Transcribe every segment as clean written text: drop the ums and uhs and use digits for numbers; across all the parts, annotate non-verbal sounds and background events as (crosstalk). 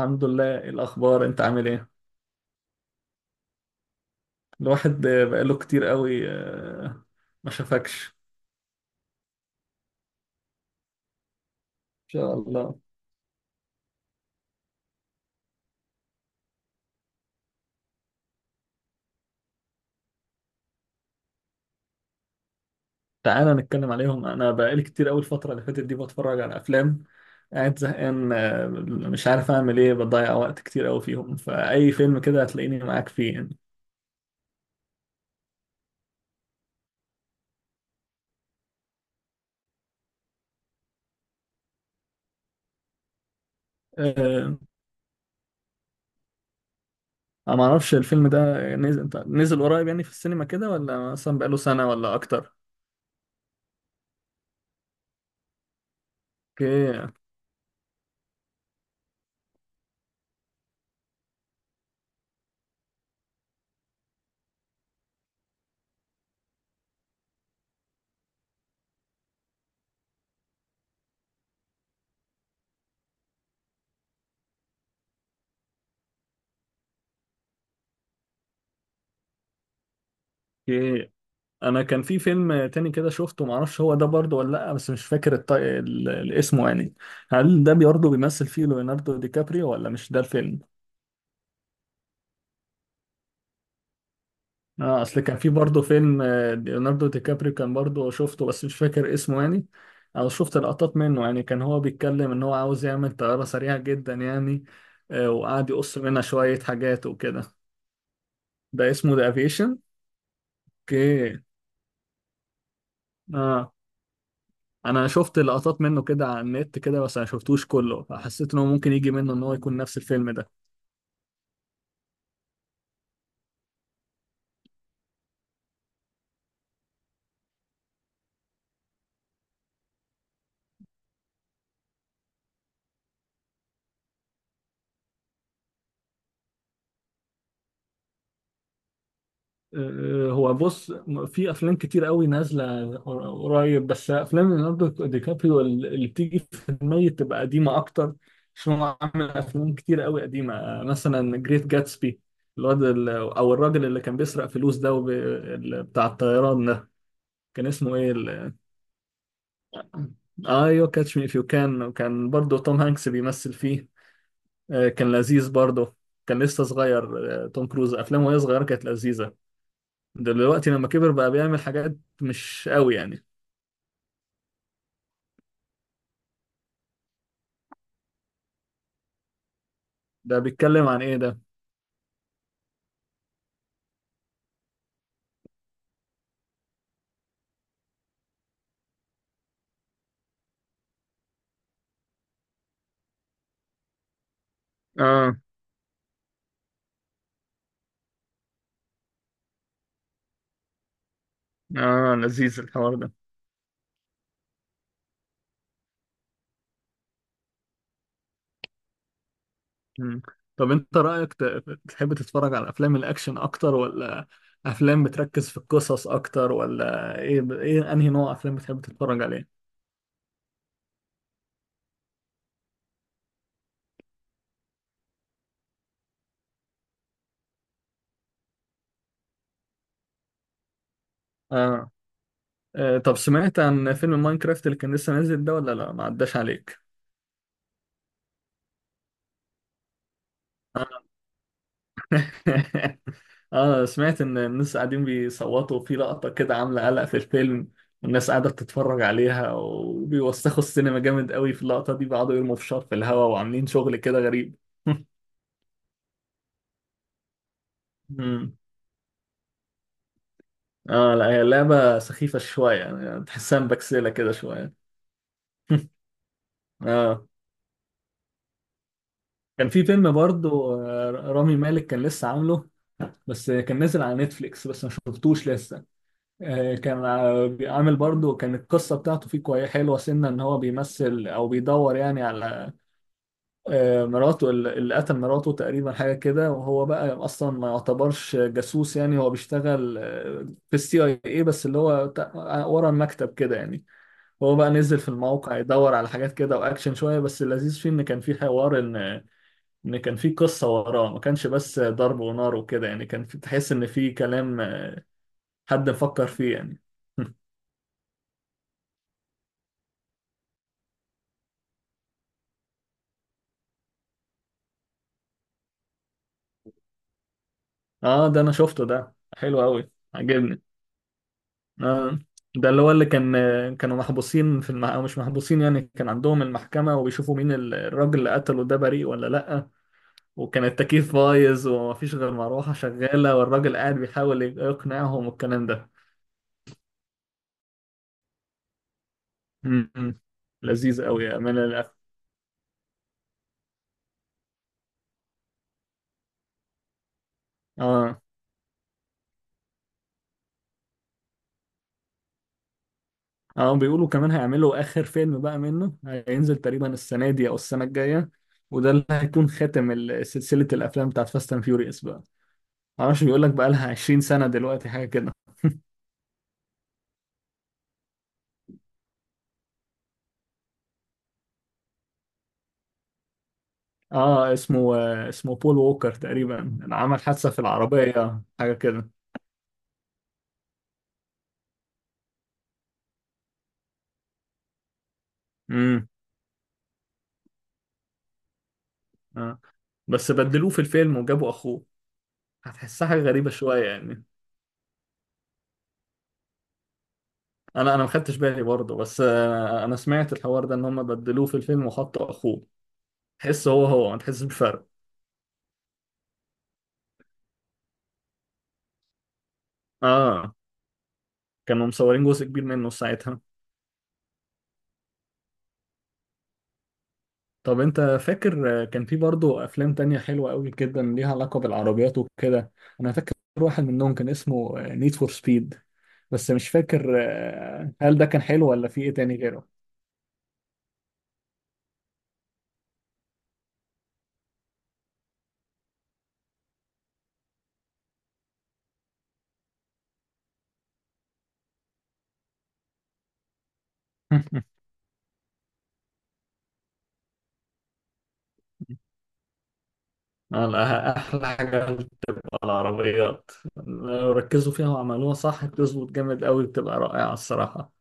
الحمد لله، إيه الأخبار؟ أنت عامل إيه؟ الواحد بقاله كتير قوي، ما شافكش. إن شاء الله. تعالى نتكلم عليهم. أنا بقالي كتير قوي الفترة اللي فاتت دي بتفرج على أفلام، قاعد زهقان، مش عارف أعمل إيه، بضيع وقت كتير قوي فيهم، فأي فيلم كده هتلاقيني معاك فيه يعني. آه، أنا معرفش الفيلم ده نزل قريب يعني في السينما كده، ولا مثلا بقاله سنة ولا أكتر؟ أوكي، أوكي. انا كان في فيلم تاني كده شفته، معرفش هو ده برضه ولا لا، بس مش فاكر الاسمه يعني. هل ده برضه بيمثل فيه ليوناردو دي كابريو ولا مش ده الفيلم؟ اه، اصل كان في برضه فيلم، ليوناردو دي كابريو كان برضه شفته، بس مش فاكر اسمه يعني، او شفت لقطات منه يعني. كان هو بيتكلم ان هو عاوز يعمل طيارة سريعة جدا يعني، وقعد يقص منها شوية حاجات وكده. ده اسمه ذا افيشن. اوكي، اه. انا شفت لقطات منه كده على النت كده، بس انا شفتوش كله، فحسيت ان هو ممكن يجي منه ان هو يكون نفس الفيلم ده. هو بص، في افلام كتير قوي نازله قريب، بس افلام ليوناردو دي كابريو اللي بتيجي في دماغي بتبقى قديمه اكتر، عشان هو عامل افلام كتير قوي قديمه، مثلا جريت جاتسبي. الواد ال- او الراجل اللي كان بيسرق فلوس ده، بتاع الطيران ده، كان اسمه ايه؟ آه، ايوه، كاتش مي اف يو كان. كان برضه توم هانكس بيمثل فيه. آه، كان لذيذ برضه، كان لسه صغير. آه، توم كروز افلامه وهي صغيره كانت لذيذه، دلوقتي لما كبر بقى بيعمل حاجات مش قوي يعني. ده بيتكلم عن ايه ده؟ اه، اه، لذيذ الحوار ده. مم. طب انت رايك، تحب تتفرج على افلام الاكشن اكتر، ولا افلام بتركز في القصص اكتر، ولا ايه؟ ايه انهي نوع افلام بتحب تتفرج عليه؟ اه. طب سمعت عن فيلم ماينكرافت اللي كان لسه نازل ده، ولا لا ما عداش عليك؟ (laughs) اه، سمعت ان الناس قاعدين بيصوتوا في لقطة كده عاملة قلق في الفيلم، والناس قاعدة بتتفرج عليها وبيوسخوا السينما جامد قوي في اللقطة دي، بيقعدوا يرموا فشار في الهواء وعاملين شغل كده غريب. (laughs) مم. اه لا، هي لعبة سخيفة شوية يعني، تحسها مبكسلة كده شوية. (laughs) اه، كان في فيلم برضو، رامي مالك كان لسه عامله، بس كان نازل على نتفليكس، بس ما شفتوش لسه. آه، كان، عامل برضه، كان القصة بتاعته فيه كويس، حلوة سنة، إن هو بيمثل أو بيدور يعني على، مراته، اللي قتل مراته تقريبا حاجة كده، وهو بقى أصلا ما يعتبرش جاسوس يعني، هو بيشتغل، في السي اي اي، بس اللي هو ورا المكتب كده يعني. هو بقى نزل في الموقع يدور على حاجات كده، وأكشن شوية، بس اللذيذ فيه إن كان فيه حوار، إن كان فيه قصة وراه، ما كانش بس ضرب ونار وكده يعني، كان في تحس إن فيه كلام، حد مفكر فيه يعني. (laughs) اه ده انا شفته، ده حلو قوي، عجبني. اه، ده اللي هو اللي كان، كانوا محبوسين في المح... او مش محبوسين يعني، كان عندهم المحكمة، وبيشوفوا مين الراجل اللي قتله ده، بريء ولا لأ، وكان التكييف بايظ، ومفيش غير مروحة شغالة، والراجل قاعد بيحاول يقنعهم والكلام ده. امم. لذيذ قوي يا أمانة الأخ. اه، اه، بيقولوا كمان هيعملوا آخر فيلم بقى منه، هينزل تقريبا السنة دي أو السنة الجاية، وده اللي هيكون خاتم سلسلة الأفلام بتاعت فاست أند فيوريوس. معرفش، بيقول لك بقى لها 20 سنة دلوقتي حاجة كده. اه، اسمه بول ووكر تقريبا، عمل حادثة في العربية حاجة كده. امم. آه. بس بدلوه في الفيلم وجابوا اخوه، هتحسها حاجة غريبة شوية يعني. انا ما خدتش بالي برضه، بس آه، انا سمعت الحوار ده ان هم بدلوه في الفيلم وحطوا اخوه، تحس هو ما تحسش بفرق. اه، كانوا مصورين جزء كبير منه ساعتها. طب انت فاكر كان في برضه افلام تانية حلوة قوي جدا، ليها علاقة بالعربيات وكده؟ انا فاكر واحد منهم كان اسمه نيد فور سبيد، بس مش فاكر، هل ده كان حلو ولا في ايه تاني غيره؟ (laughs) آه، لا، أحلى حاجة بتبقى العربيات، لو ركزوا فيها وعملوها صح بتظبط جامد قوي، بتبقى رائعة الصراحة.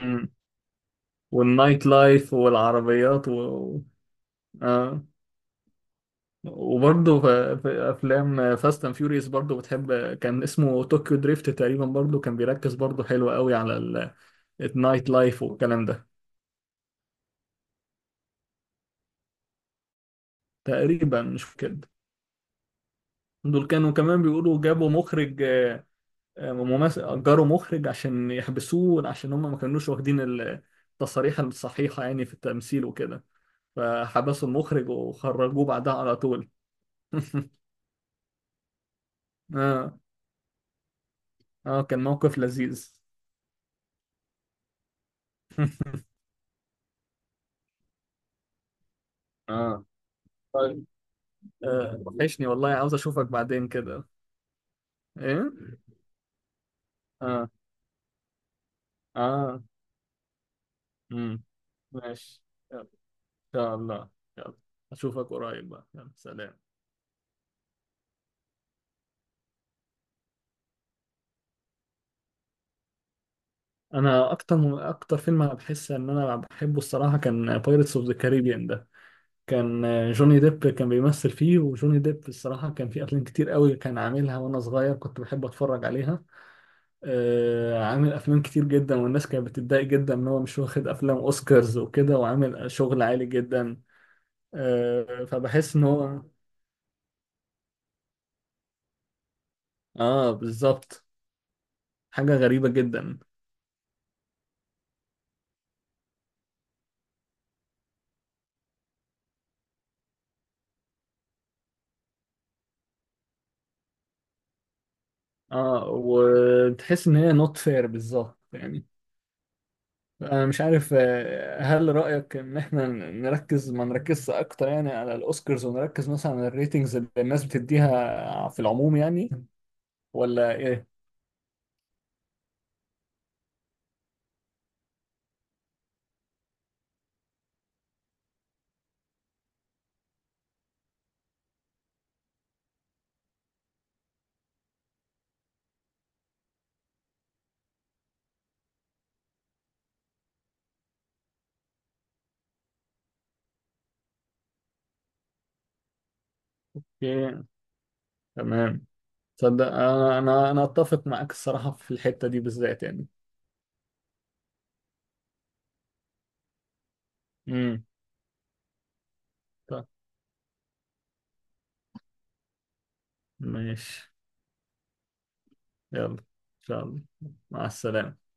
مم. والنايت لايف والعربيات و... آه. وبرضه في افلام فاست اند فيوريوس برضه بتحب، كان اسمه طوكيو دريفت تقريبا، برضه كان بيركز برضه حلو قوي على النايت لايف والكلام ده. تقريبا مش كده. دول كانوا كمان بيقولوا جابوا مخرج، ممثل اجروا مخرج عشان يحبسوه، عشان هم ما كانوش واخدين التصاريح الصحيحة يعني في التمثيل وكده، فحبسوا المخرج وخرجوه بعدها على طول. (laughs) اه، اه، كان موقف لذيذ. اه، وحشني والله، عاوز اشوفك بعدين كده. ايه، اه، اه، امم، ماشي. يلا، ان شاء الله. يلا، اشوفك قريب بقى، يلا سلام. انا اكتر، اكتر فيلم انا بحس ان انا بحبه الصراحه، كان بايرتس اوف ذا كاريبيان ده. كان، جوني ديب كان بيمثل فيه، وجوني ديب الصراحه كان في افلام كتير قوي كان عاملها وانا صغير، كنت بحب اتفرج عليها. آه، عامل افلام كتير جدا، والناس كانت بتتضايق جدا ان هو مش واخد افلام اوسكارز وكده، وعامل شغل عالي جدا. آه، فبحس ان هو، اه بالظبط، حاجة غريبة جدا. اه، وتحس ان هي نوت فير بالظبط يعني. انا مش عارف، هل رأيك ان احنا نركز ما نركزش اكتر يعني على الاوسكارز، ونركز مثلا على الريتنجز اللي الناس بتديها في العموم يعني، ولا ايه؟ ايه، تمام. تصدق انا، انا اتفق معاك الصراحة في الحتة دي بالذات يعني. امم. طب، ماشي. يلا، ان شاء الله، مع السلامة.